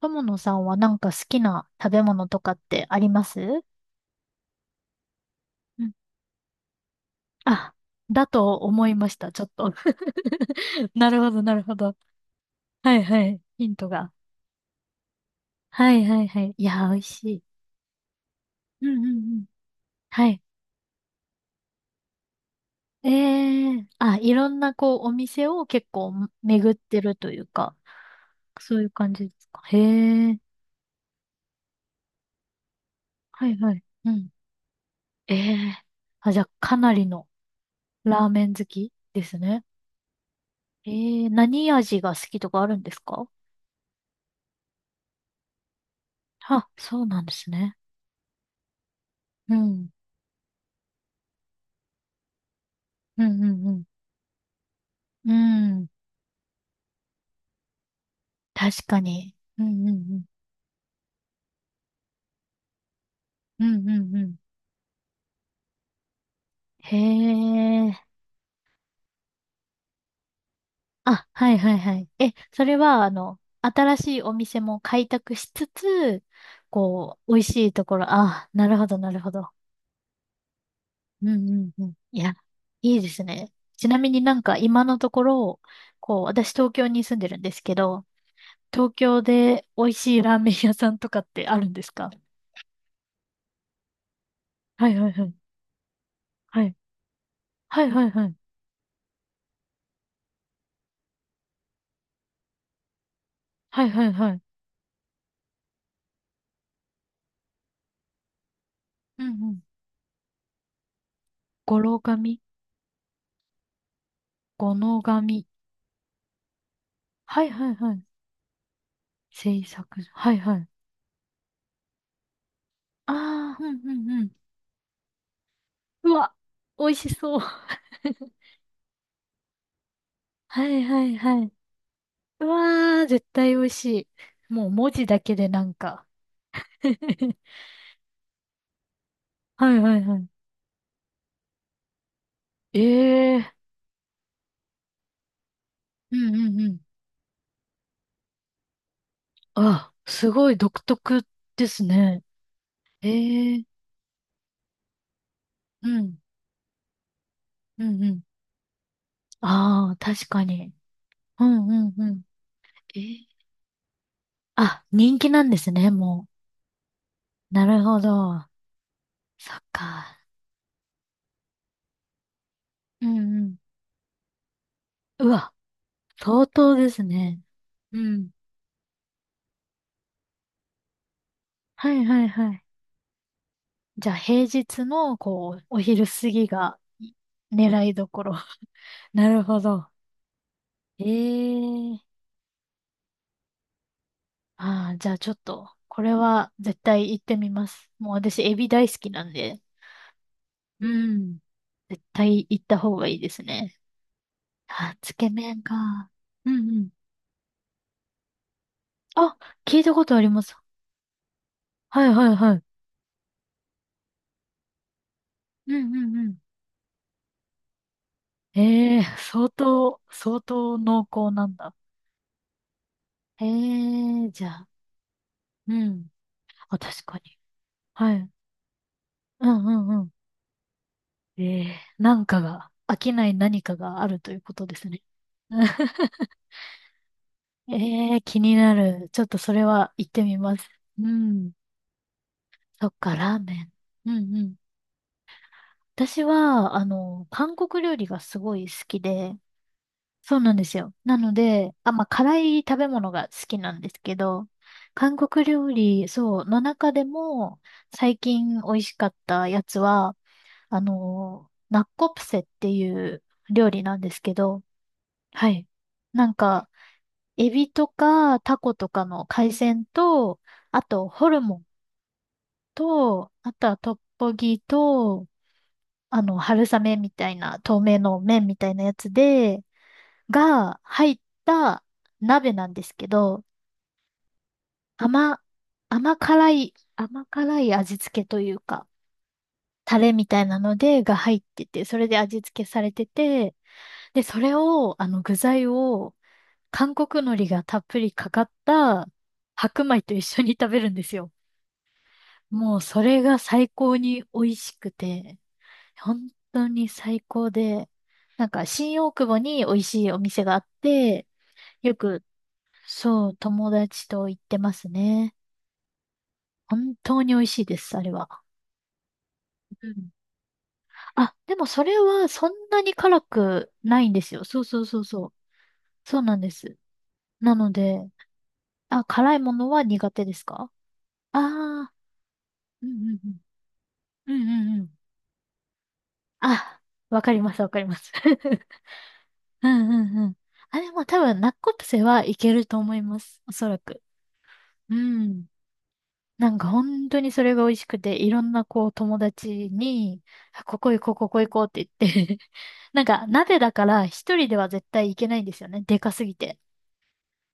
友野さんはなんか好きな食べ物とかってありますうん。あ、だと思いました、ちょっと。なるほど、なるほど。はいはい。ヒントが。はいはいはい。いやー、美味しい。うんうんうん。はい。ええ、あ、いろんなこう、お店を結構巡ってるというか、そういう感じですか。へえ。はいはい。うん。ええ、あ、じゃあ、かなりのラーメン好きですね。ええ、何味が好きとかあるんですか？あ、そうなんですね。うん。うんうんうん。うん。確かに。うんうんうん。うんうんうん。へえ。あ、はいはいはい。え、それは、あの、新しいお店も開拓しつつ、こう、美味しいところ、あ、なるほどなるほど。うんうんうん。いや、いいですね。ちなみになんか今のところ、こう、私東京に住んでるんですけど、東京で美味しいラーメン屋さんとかってあるんですか？はいはいはい。はいはいはいはい。はいはいはい。うんうん。語呂紙、語の紙。はいはいはい。制作。はいはい。ああ、うんうんうん。うわ、美味しそう。はいはいはい。うわー、絶対美味しい。もう文字だけでなんか。はいはいはい。ええー。うんうんうん。あ、すごい独特ですね。ええー。うん。うんうん。ああ、確かに。うんうんうん。えー、あ、人気なんですね、もう。なるほど。そっか。うんうん。うわ、相当ですね。うん。はいはいはい。じゃあ平日の、こう、お昼過ぎがい狙いどころ。なるほど。ええ、ああ、じゃあちょっと、これは絶対行ってみます。もう私、エビ大好きなんで。うん。絶対行った方がいいですね。あ、つけ麺か。うんうん。あ、聞いたことあります。はいはいはい。うんうんうん。ええー、相当、相当濃厚なんだ。ええー、じゃあ、うん。あ、確かに。はい。うんうんうん。ええー、なんかが、飽きない何かがあるということですね。ええー、気になる。ちょっとそれは行ってみます。うん。そっか、ラーメン。うんうん。私は、あの、韓国料理がすごい好きで、そうなんですよ。なので、あ、まあ、辛い食べ物が好きなんですけど、韓国料理、そう、の中でも、最近美味しかったやつは、あの、ナッコプセっていう料理なんですけど、はい。なんか、エビとかタコとかの海鮮と、あと、ホルモンと、あとはトッポギと、あの、春雨みたいな、透明の麺みたいなやつで、が入った鍋なんですけど、甘、甘辛い、甘辛い味付けというか、タレみたいなので、が入ってて、それで味付けされてて、で、それを、あの、具材を、韓国海苔がたっぷりかかった白米と一緒に食べるんですよ。もう、それが最高に美味しくて、本当に最高で、なんか、新大久保に美味しいお店があって、よくそう、友達と行ってますね。本当に美味しいです、あれは。うん。あ、でもそれはそんなに辛くないんですよ。そうそうそうそう。そうなんです。なので、あ、辛いものは苦手ですか？ああー、うんうんうん。うんうんうん。あ、わかります、わかります。うんうんうん。あ、でも多分、ナッコプセはいけると思います。おそらく。うん。なんか本当にそれが美味しくて、いろんなこう友達に、あここ行こう、ここ行こうって言って なんか鍋だから一人では絶対行けないんですよね。でかすぎて。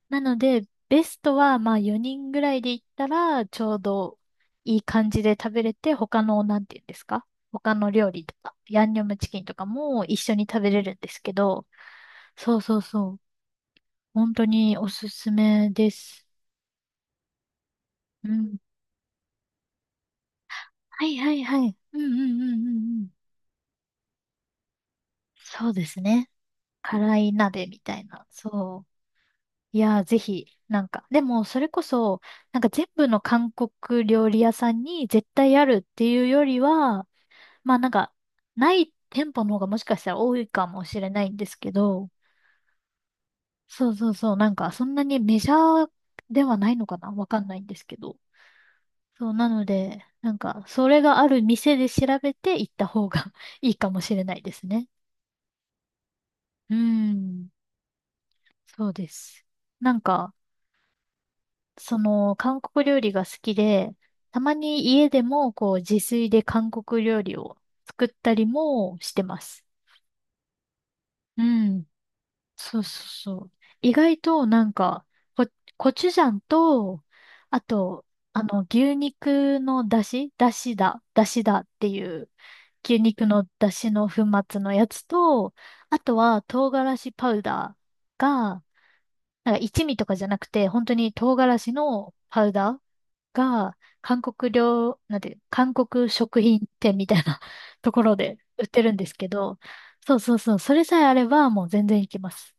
なので、ベストはまあ4人ぐらいで行ったら、ちょうどいい感じで食べれて、他の、なんて言うんですか？他の料理とか、ヤンニョムチキンとかも一緒に食べれるんですけど、そうそうそう。本当におすすめです。うん。はいはいはい。うんうんうんうんうん。そうですね。辛い鍋みたいな。そう。いやー、ぜひ、なんか、でも、それこそ、なんか全部の韓国料理屋さんに絶対あるっていうよりは、まあなんか、ない店舗の方がもしかしたら多いかもしれないんですけど、そうそうそう、なんか、そんなにメジャーではないのかなわかんないんですけど。そう、なので、なんか、それがある店で調べて行った方が いいかもしれないですね。うーん、そうです。なんか、その、韓国料理が好きで、たまに家でも、こう、自炊で韓国料理を作ったりもしてます。うん。そうそうそう。意外と、なんか、コ、コチュジャンと、あと、あの、牛肉の出汁出汁だ。出汁だっていう、牛肉の出汁の粉末のやつと、あとは、唐辛子パウダーが、なんか一味とかじゃなくて、本当に唐辛子のパウダーが、韓国料、なんていう、韓国食品店みたいな ところで売ってるんですけど、そうそうそう、それさえあればもう全然いけます。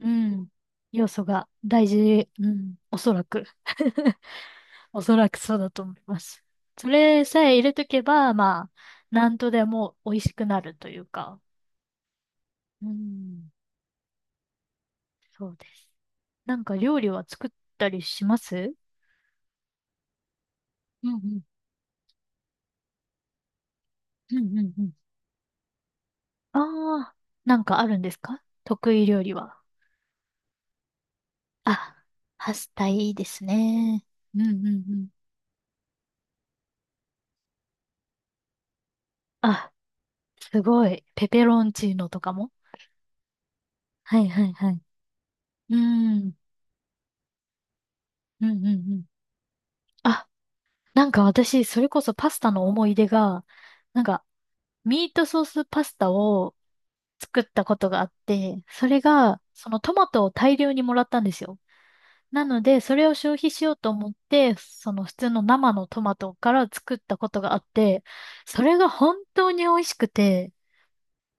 うん。要素が大事、うん、おそらく。おそらくそうだと思います。それさえ入れとけば、まあ、なんとでも美味しくなるというか。うん、そうです。なんか料理は作ったりします？うんうん。うんうんうん。ああ、なんかあるんですか得意料理は？あ、パスタいいですね。うんうんうん。あ、すごい。ペペロンチーノとかもはいはいはい。うん。うんうんうん。あ、なんか私、それこそパスタの思い出が、なんか、ミートソースパスタを作ったことがあって、それが、そのトマトを大量にもらったんですよ。なので、それを消費しようと思って、その普通の生のトマトから作ったことがあって、それが本当に美味しくて、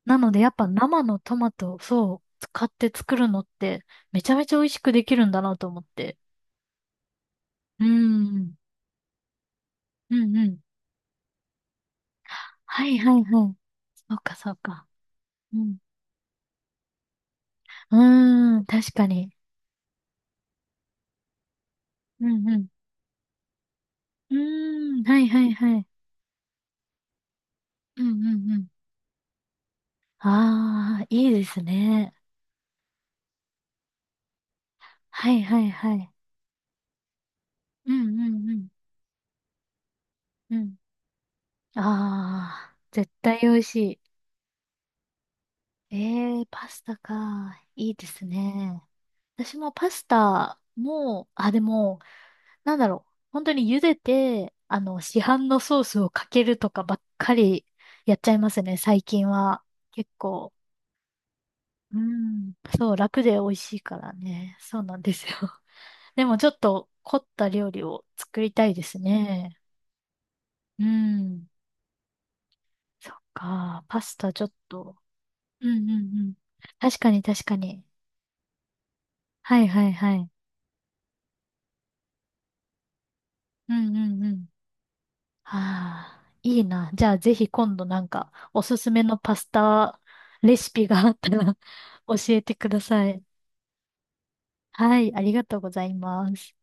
なのでやっぱ生のトマトをそう使って作るのってめちゃめちゃ美味しくできるんだなと思って。うーん。うんうん。はいはいはい。そうかそうか。うん。うーん、確かに。うんうん。うーん、はいはいはい。うんうんうん。ああ、いいですね。はいはいはい。うんうんうん。うん、ああ、絶対美味しい。ええーパスタか。いいですね。私もパスタも、あ、でも、なんだろう。本当に茹でて、あの、市販のソースをかけるとかばっかりやっちゃいますね、最近は。結構。うん。そう、楽で美味しいからね。そうなんですよ。でもちょっと凝った料理を作りたいですね。うん。そっか。パスタちょっと。うんうんうん。確かに確かに。はいはいはい。うんうんうん。ああ、いいな。じゃあぜひ今度なんかおすすめのパスタレシピがあったら 教えてください。はい、ありがとうございます。